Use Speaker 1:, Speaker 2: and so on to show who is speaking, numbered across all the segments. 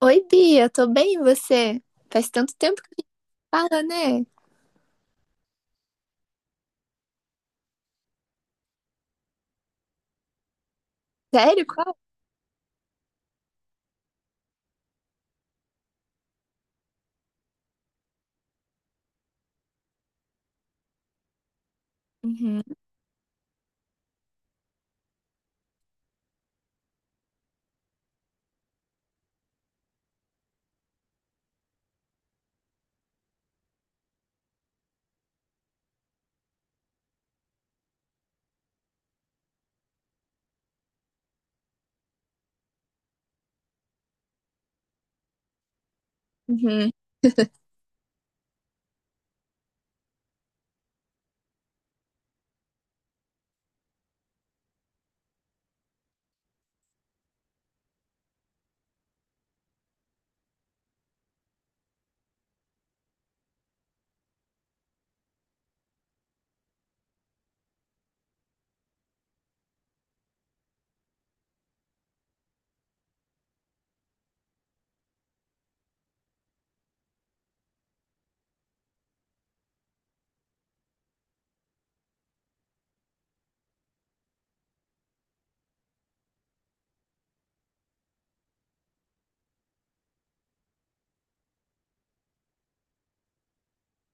Speaker 1: Oi, Bia, tô bem, e você? Faz tanto tempo que a gente fala, né? Sério? Qual? Uhum, uhum.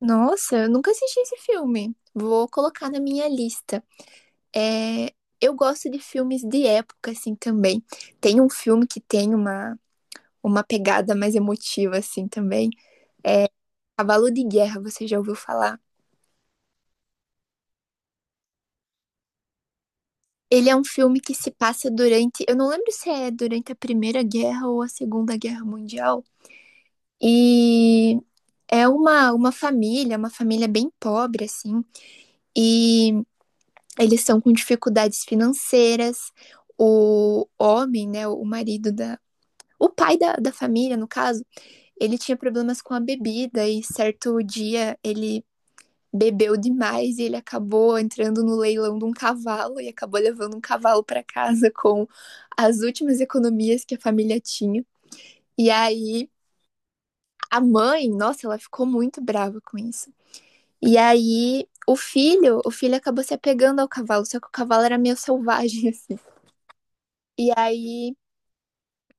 Speaker 1: Nossa, eu nunca assisti esse filme. Vou colocar na minha lista. É, eu gosto de filmes de época, assim, também. Tem um filme que tem uma pegada mais emotiva, assim, também. Cavalo de Guerra, você já ouviu falar? Ele é um filme que se passa durante. Eu não lembro se é durante a Primeira Guerra ou a Segunda Guerra Mundial. E é uma família bem pobre, assim, e eles estão com dificuldades financeiras. O homem, né, o marido da. O pai da família, no caso, ele tinha problemas com a bebida e certo dia ele bebeu demais e ele acabou entrando no leilão de um cavalo e acabou levando um cavalo para casa com as últimas economias que a família tinha. E aí a mãe, nossa, ela ficou muito brava com isso. E aí, o filho acabou se apegando ao cavalo, só que o cavalo era meio selvagem, assim. E aí,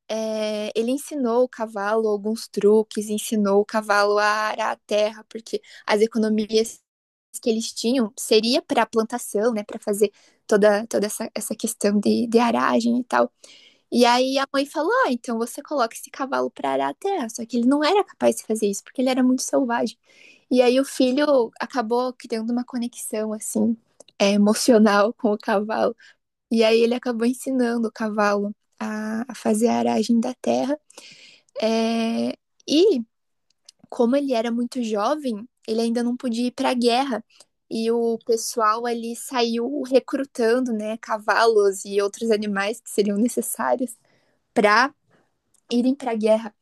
Speaker 1: ele ensinou o cavalo alguns truques, ensinou o cavalo a arar a terra, porque as economias que eles tinham seria para plantação, né, para fazer toda essa questão de aragem e tal. E aí a mãe falou: ah, então você coloca esse cavalo para arar a terra. Só que ele não era capaz de fazer isso, porque ele era muito selvagem. E aí o filho acabou criando uma conexão, assim, emocional com o cavalo. E aí ele acabou ensinando o cavalo a fazer a aragem da terra. É, e como ele era muito jovem, ele ainda não podia ir para a guerra. E o pessoal ali saiu recrutando, né, cavalos e outros animais que seriam necessários para irem pra guerra.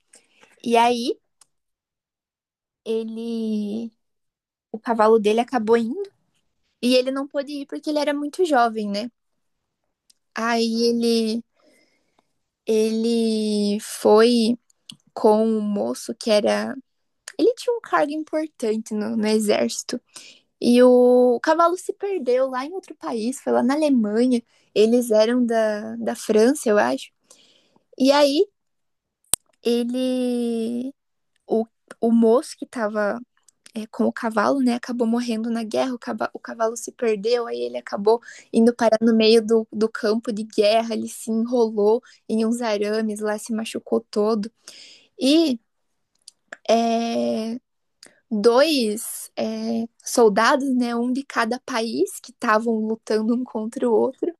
Speaker 1: E aí, ele. O cavalo dele acabou indo e ele não pôde ir porque ele era muito jovem, né? Aí ele. Ele foi com um moço que era. Ele tinha um cargo importante no exército. E o cavalo se perdeu lá em outro país, foi lá na Alemanha. Eles eram da França, eu acho. E aí ele. O, o moço que tava com o cavalo, né? Acabou morrendo na guerra, o cavalo se perdeu, aí ele acabou indo parar no meio do campo de guerra, ele se enrolou em uns arames, lá se machucou todo. E é, dois soldados, né? Um de cada país que estavam lutando um contra o outro.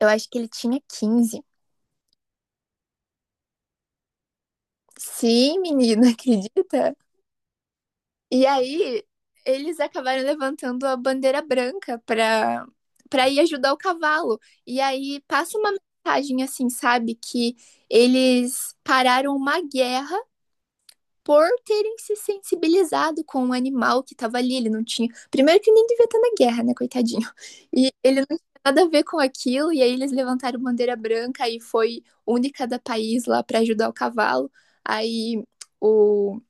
Speaker 1: Eu acho que ele tinha 15. Sim, menina, acredita? E aí, eles acabaram levantando a bandeira branca para ir ajudar o cavalo. E aí passa uma mensagem assim, sabe, que eles pararam uma guerra por terem se sensibilizado com o animal que estava ali, ele não tinha. Primeiro que nem devia estar na guerra, né, coitadinho. E ele não tinha nada a ver com aquilo, e aí eles levantaram bandeira branca e foi única da país lá para ajudar o cavalo. Aí o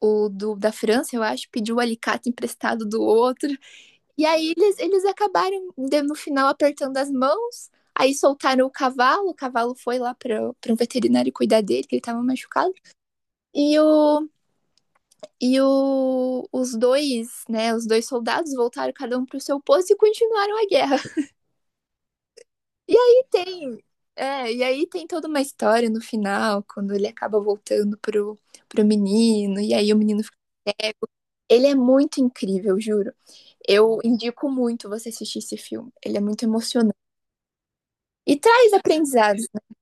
Speaker 1: da França, eu acho, pediu o alicate emprestado do outro. E aí eles acabaram, no final, apertando as mãos. Aí soltaram o cavalo foi lá para um veterinário cuidar dele, que ele estava machucado. E, o, os dois soldados voltaram cada um para o seu posto e continuaram a guerra. E aí tem, e aí tem toda uma história no final, quando ele acaba voltando pro menino, e aí o menino fica cego. Ele é muito incrível, juro. Eu indico muito você assistir esse filme. Ele é muito emocionante. E traz aprendizados, né?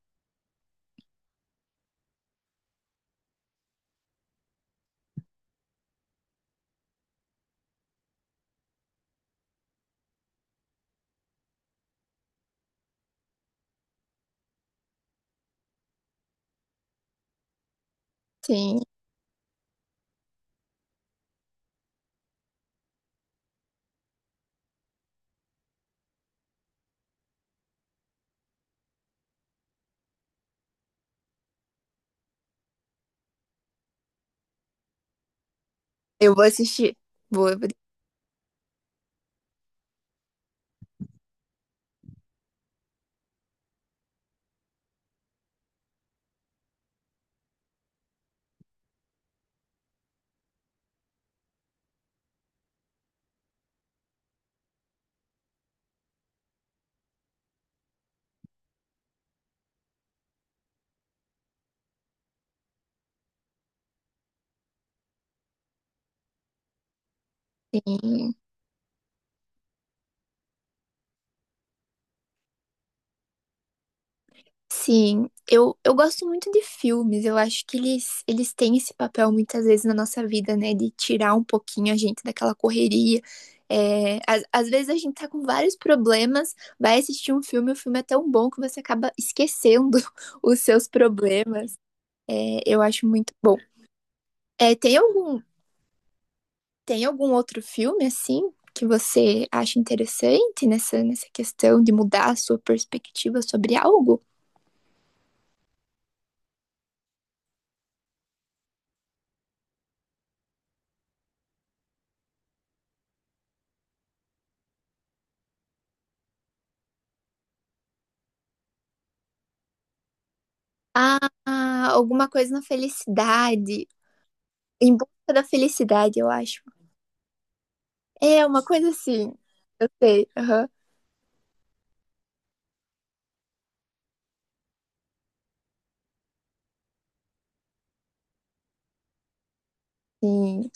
Speaker 1: Sim, eu vou assistir. Vou, sim. Sim, eu gosto muito de filmes. Eu acho que eles têm esse papel muitas vezes na nossa vida, né? De tirar um pouquinho a gente daquela correria. É, às vezes a gente tá com vários problemas, vai assistir um filme, o filme é tão bom que você acaba esquecendo os seus problemas. É, eu acho muito bom. É, tem algum outro filme, assim, que você acha interessante nessa questão de mudar a sua perspectiva sobre algo? Ah, alguma coisa na felicidade. Em busca da felicidade, eu acho. É, uma coisa assim. Eu sei. Aham. Sim.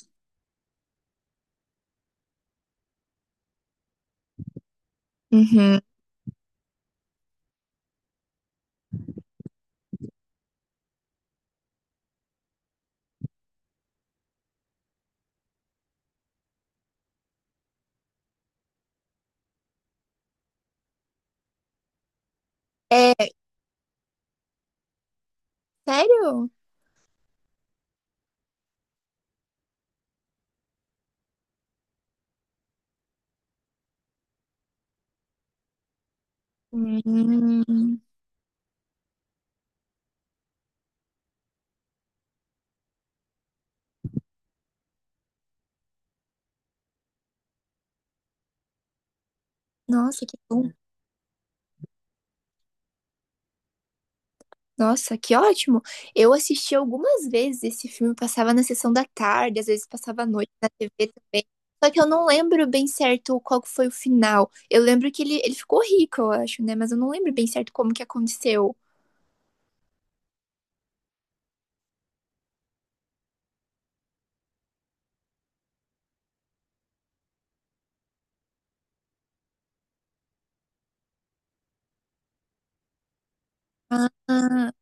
Speaker 1: Uhum. É, sério? Hum, nossa, que bom. Nossa, que ótimo. Eu assisti algumas vezes esse filme, passava na sessão da tarde, às vezes passava à noite na TV também. Só que eu não lembro bem certo qual que foi o final. Eu lembro que ele ficou rico, eu acho, né? Mas eu não lembro bem certo como que aconteceu. Ah,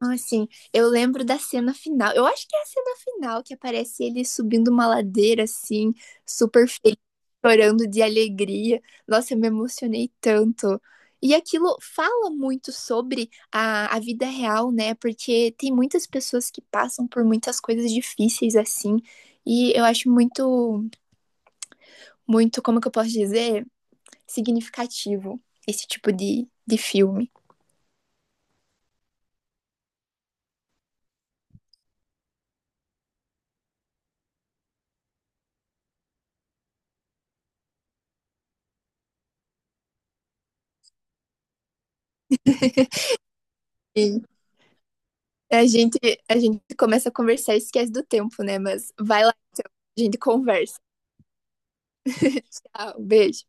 Speaker 1: Ah, sim. Eu lembro da cena final. Eu acho que é a cena final que aparece ele subindo uma ladeira assim, super feliz, chorando de alegria. Nossa, eu me emocionei tanto. E aquilo fala muito sobre a vida real, né? Porque tem muitas pessoas que passam por muitas coisas difíceis assim. E eu acho muito, muito, como que eu posso dizer? Significativo esse tipo de filme. A gente, a gente começa a conversar e esquece do tempo, né? Mas vai lá, então, a gente conversa. Tchau, beijo.